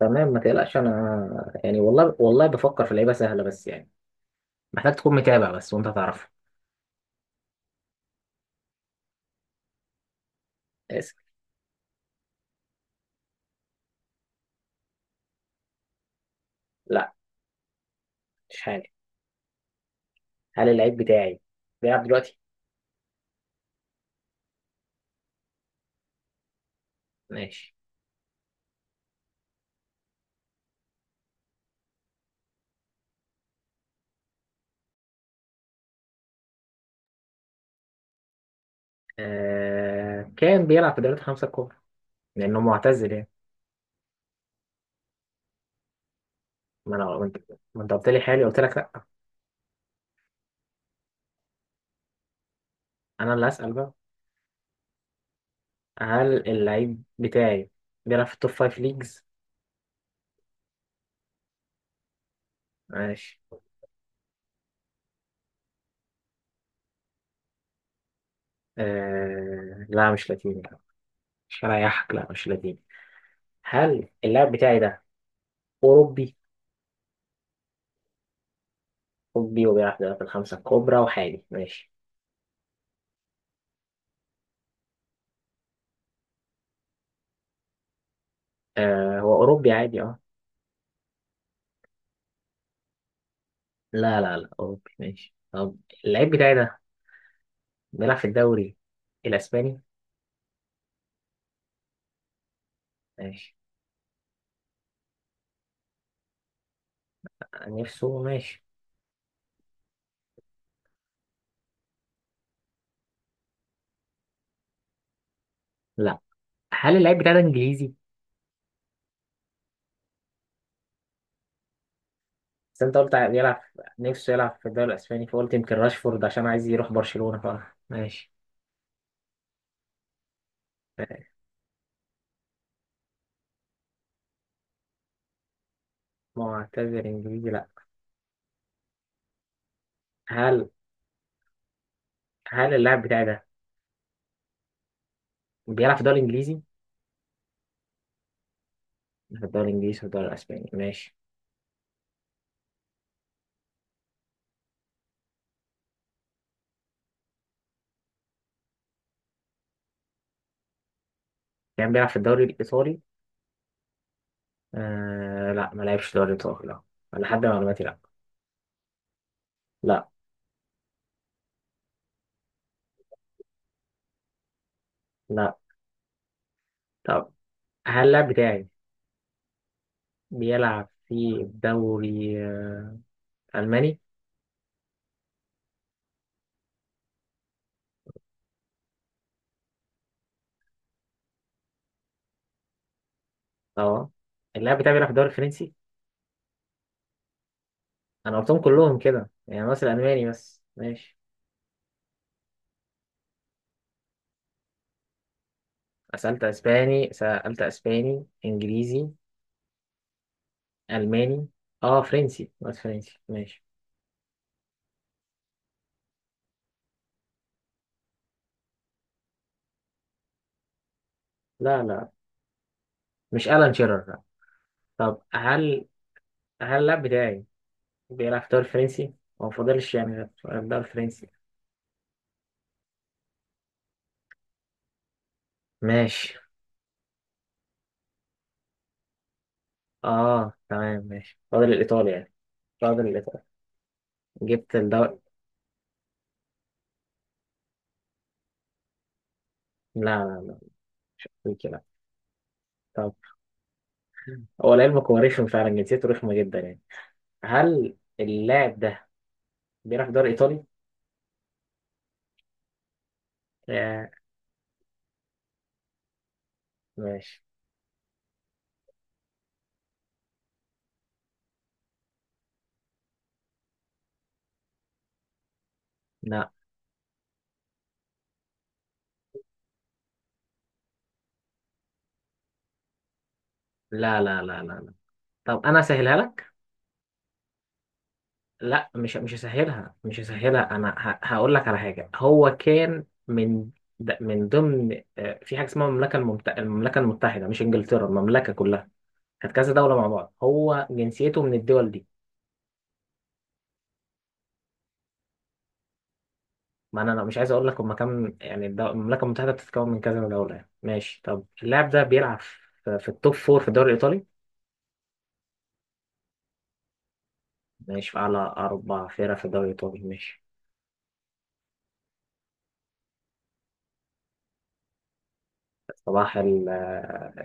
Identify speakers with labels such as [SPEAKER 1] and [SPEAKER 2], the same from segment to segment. [SPEAKER 1] تمام، ما تقلقش. انا يعني والله والله بفكر في لعيبه سهله، بس يعني محتاج تكون متابع بس وانت هتعرفها. اسف. لا، مش حاجه. هل اللعيب بتاعي بيلعب دلوقتي؟ ماشي. كان بيلعب في دوري الخمسه الكبرى لانه معتزل يعني. ما انت، ما أنت قلت لي حالي قلت لك لا. انا اللي هسال بقى. هل اللعيب بتاعي بيلعب في التوب فايف ليجز؟ ماشي. لا مش لاتيني، مش هريحك، لا مش لاتيني. هل اللاعب بتاعي ده اوروبي؟ أوروبي وبيلعب في الخمسة الكبرى وحالي ماشي. آه هو أوروبي عادي اه. لا لا لا، أوروبي ماشي. طب اللعيب بتاعي ده بيلعب في الدوري الأسباني؟ ماشي. نفسه ماشي. لا. هل اللعيب بتاعي ده إنجليزي؟ بس أنت قلت بيلعب نفسه يلعب في الدوري الأسباني، فقلت يمكن راشفورد عشان عايز يروح برشلونة ف ماشي. معتذر إنجليزي لا. هل هل اللاعب بتاعي ده بيلعب في الدوري الإنجليزي؟ في الدوري الإنجليزي في الدوري الأسباني ماشي. كان بيلعب في الدوري الإيطالي. آه لا، ما لعبش دوري الابطال لا، أنا لحد معلوماتي لا. لا لا. طب هل اللاعب بتاعي بيلعب في الدوري الماني؟ اه اللاعب بتاعي بيلعب في الدوري الفرنسي. انا قلتهم كلهم كده يعني ناقص الالماني بس ماشي. سألت اسباني، سألت اسباني انجليزي الماني اه فرنسي بس فرنسي ماشي. لا لا، مش الان شيرر لا. طب هل اللاعب بتاعي بيلعب في الدوري الفرنسي؟ هو فاضلش يعني غير الدوري الفرنسي ماشي. اه تمام ماشي، فاضل الإيطالي يعني. فاضل الإيطالي، جبت الدوري. لا لا لا، مش أفريقي لا. طب هو لعلمك هو رخم فعلا، جنسيته رخمة جدا يعني. هل اللاعب ده بيلعب في الدوري الإيطالي؟ آه ماشي. لا لا لا لا لا لا. طب أنا أسهلها لك؟ لا، مش هسهلها، مش هسهلها. أنا هقول لك على حاجة. هو كان من من ضمن في حاجة اسمها المملكة المملكة المتحدة، مش إنجلترا، المملكة كلها كانت كذا دولة مع بعض، هو جنسيته من الدول دي. ما انا أنا مش عايز اقول لك هما كام، يعني المملكه المتحده بتتكون من كذا دوله يعني ماشي. طب اللاعب ده بيلعب في التوب فور في الدوري الايطالي؟ ماشي. في اعلى اربع فرق في الدوري الايطالي ماشي. صباح ال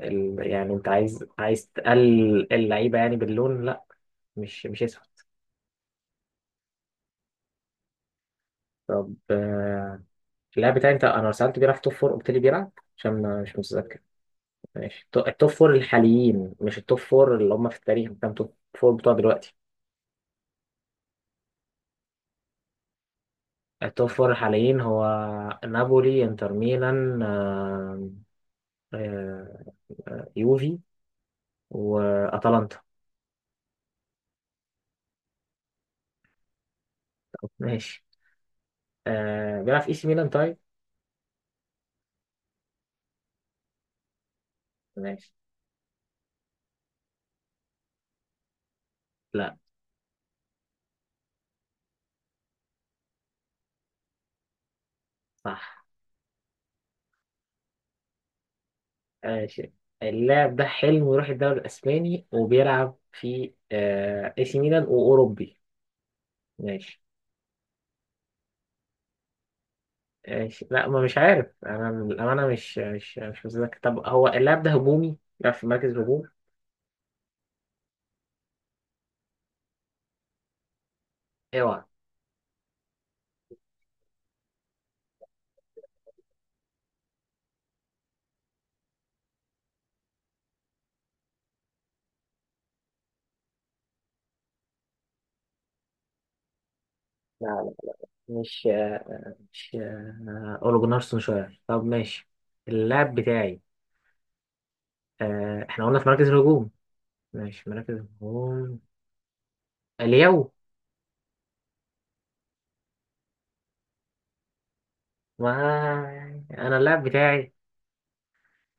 [SPEAKER 1] ال، يعني انت عايز عايز تقلل اللعيبه يعني باللون؟ لا مش اسهل. طب اللاعب بتاعي انت انا سالت بيلعب في توب فور، قلت لي بيلعب عشان مش متذكر. ماشي. التوب فور الحاليين مش التوب فور اللي هم في التاريخ. كام توب فور بتوع دلوقتي؟ التوب فور الحاليين هو نابولي، انتر ميلان، آه، يوفي، واتلانتا. ماشي. بيلعب في اي سي ميلان طيب. ماشي. لا. صح. ماشي. اللاعب ده حلم يروح الدوري الاسباني وبيلعب في اي سي ميلان واوروبي. ماشي. ماشي. لا ما مش عارف انا الامانه، مش متذكر. طب هو اللاعب ده هجومي، بيلعب في مركز هجوم. اوعى. لا لا، مش آه، مش اولو جونار سولشاير. طب ماشي. اللاعب بتاعي احنا قلنا في مراكز الهجوم. ماشي مراكز الهجوم اليو. ما انا اللاعب بتاعي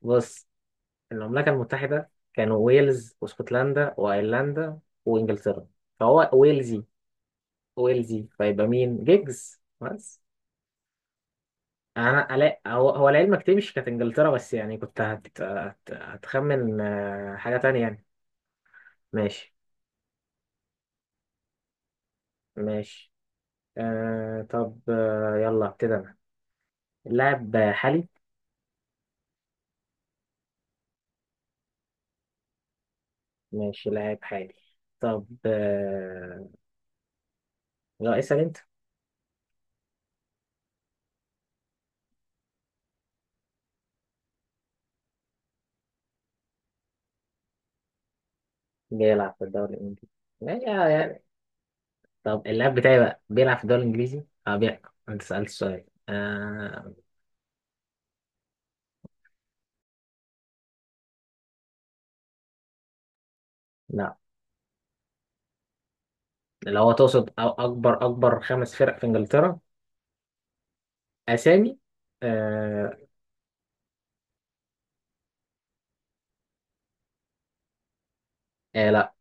[SPEAKER 1] بص، المملكة المتحدة كانوا ويلز واسكتلندا وايرلندا وانجلترا، فهو ويلزي. ويلزي، فيبقى مين؟ جيجز بس. انا لا، هو هو لعلمك تمشي كانت انجلترا بس يعني، كنت هتخمن حاجة تانية يعني. ماشي. ماشي. آه طب آه يلا ابتدي انا. اللاعب حالي. ماشي لاعب حالي. طب آه لا، اسأل انت. بيلعب في الدوري الانجليزي ماشي آه، يعني. طب اللاعب بتاعي بقى بيلعب في الدوري الانجليزي اه بيلعب. انت سألت السؤال آه. لا. لو هو تقصد أو اكبر اكبر خمس فرق في انجلترا. اسامي. آه. آه، لا.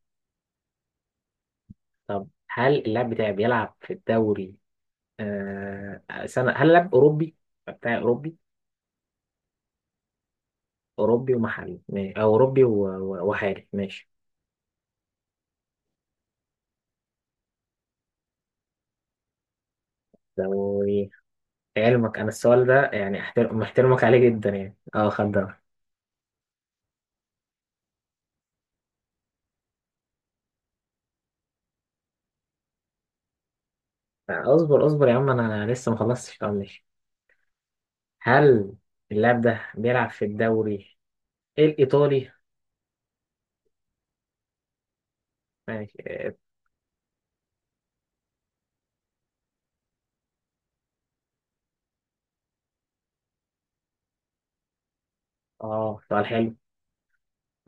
[SPEAKER 1] طب هل اللاعب بتاعي بيلعب في الدوري آه سنة هل اللاعب اوروبي بتاعي اوروبي؟ أوروبي ومحلي أو أوروبي وحالي ماشي. لو علمك أنا السؤال ده يعني أحترم، محترمك عليه جدا يعني أه، خد ده. اصبر اصبر يا عم، أنا لسه ما خلصتش. طب ماشي. هل اللاعب ده بيلعب في الدوري الإيطالي؟ ماشي أه. سؤال حلو.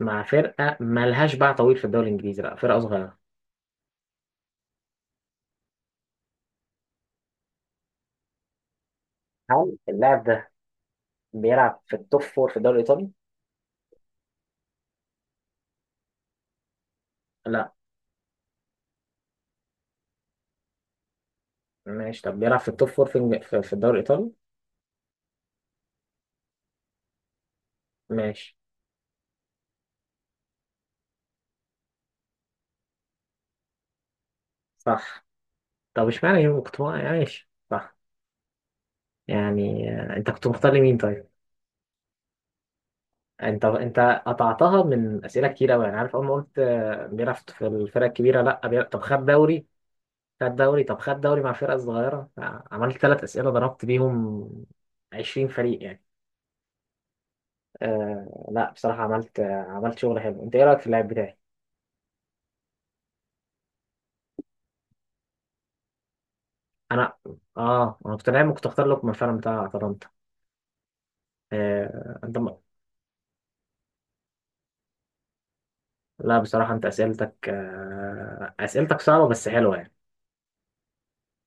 [SPEAKER 1] مع فرقة مالهاش باع طويل في الدوري الإنجليزي، لا فرقة صغيرة. هل اللاعب ده بيلعب في التوب فور في الدوري الإيطالي؟ لا. ماشي طب بيلعب في التوب فور في في الدوري الإيطالي؟ ماشي. صح. طب اشمعنى يوم كنت عايش؟ صح يعني. انت كنت مختار لمين طيب؟ انت قطعتها من اسئله كتير قوي يعني. عارف اول ما قلت بيلعب في الفرق الكبيره، لا بيلعب. طب خد دوري. خد دوري طب خد دوري مع فرقه صغيره. عملت ثلاث اسئله ضربت بيهم 20 فريق يعني. آه لا بصراحه، عملت شغل حلو. انت ايه رايك في اللاعب بتاعي؟ انا اه انا كنت لاعب، كنت اختار لكم الفرق بتاع اتلانتا. آه انت م... لا بصراحه انت اسئلتك اسئلتك صعبه بس حلوه يعني.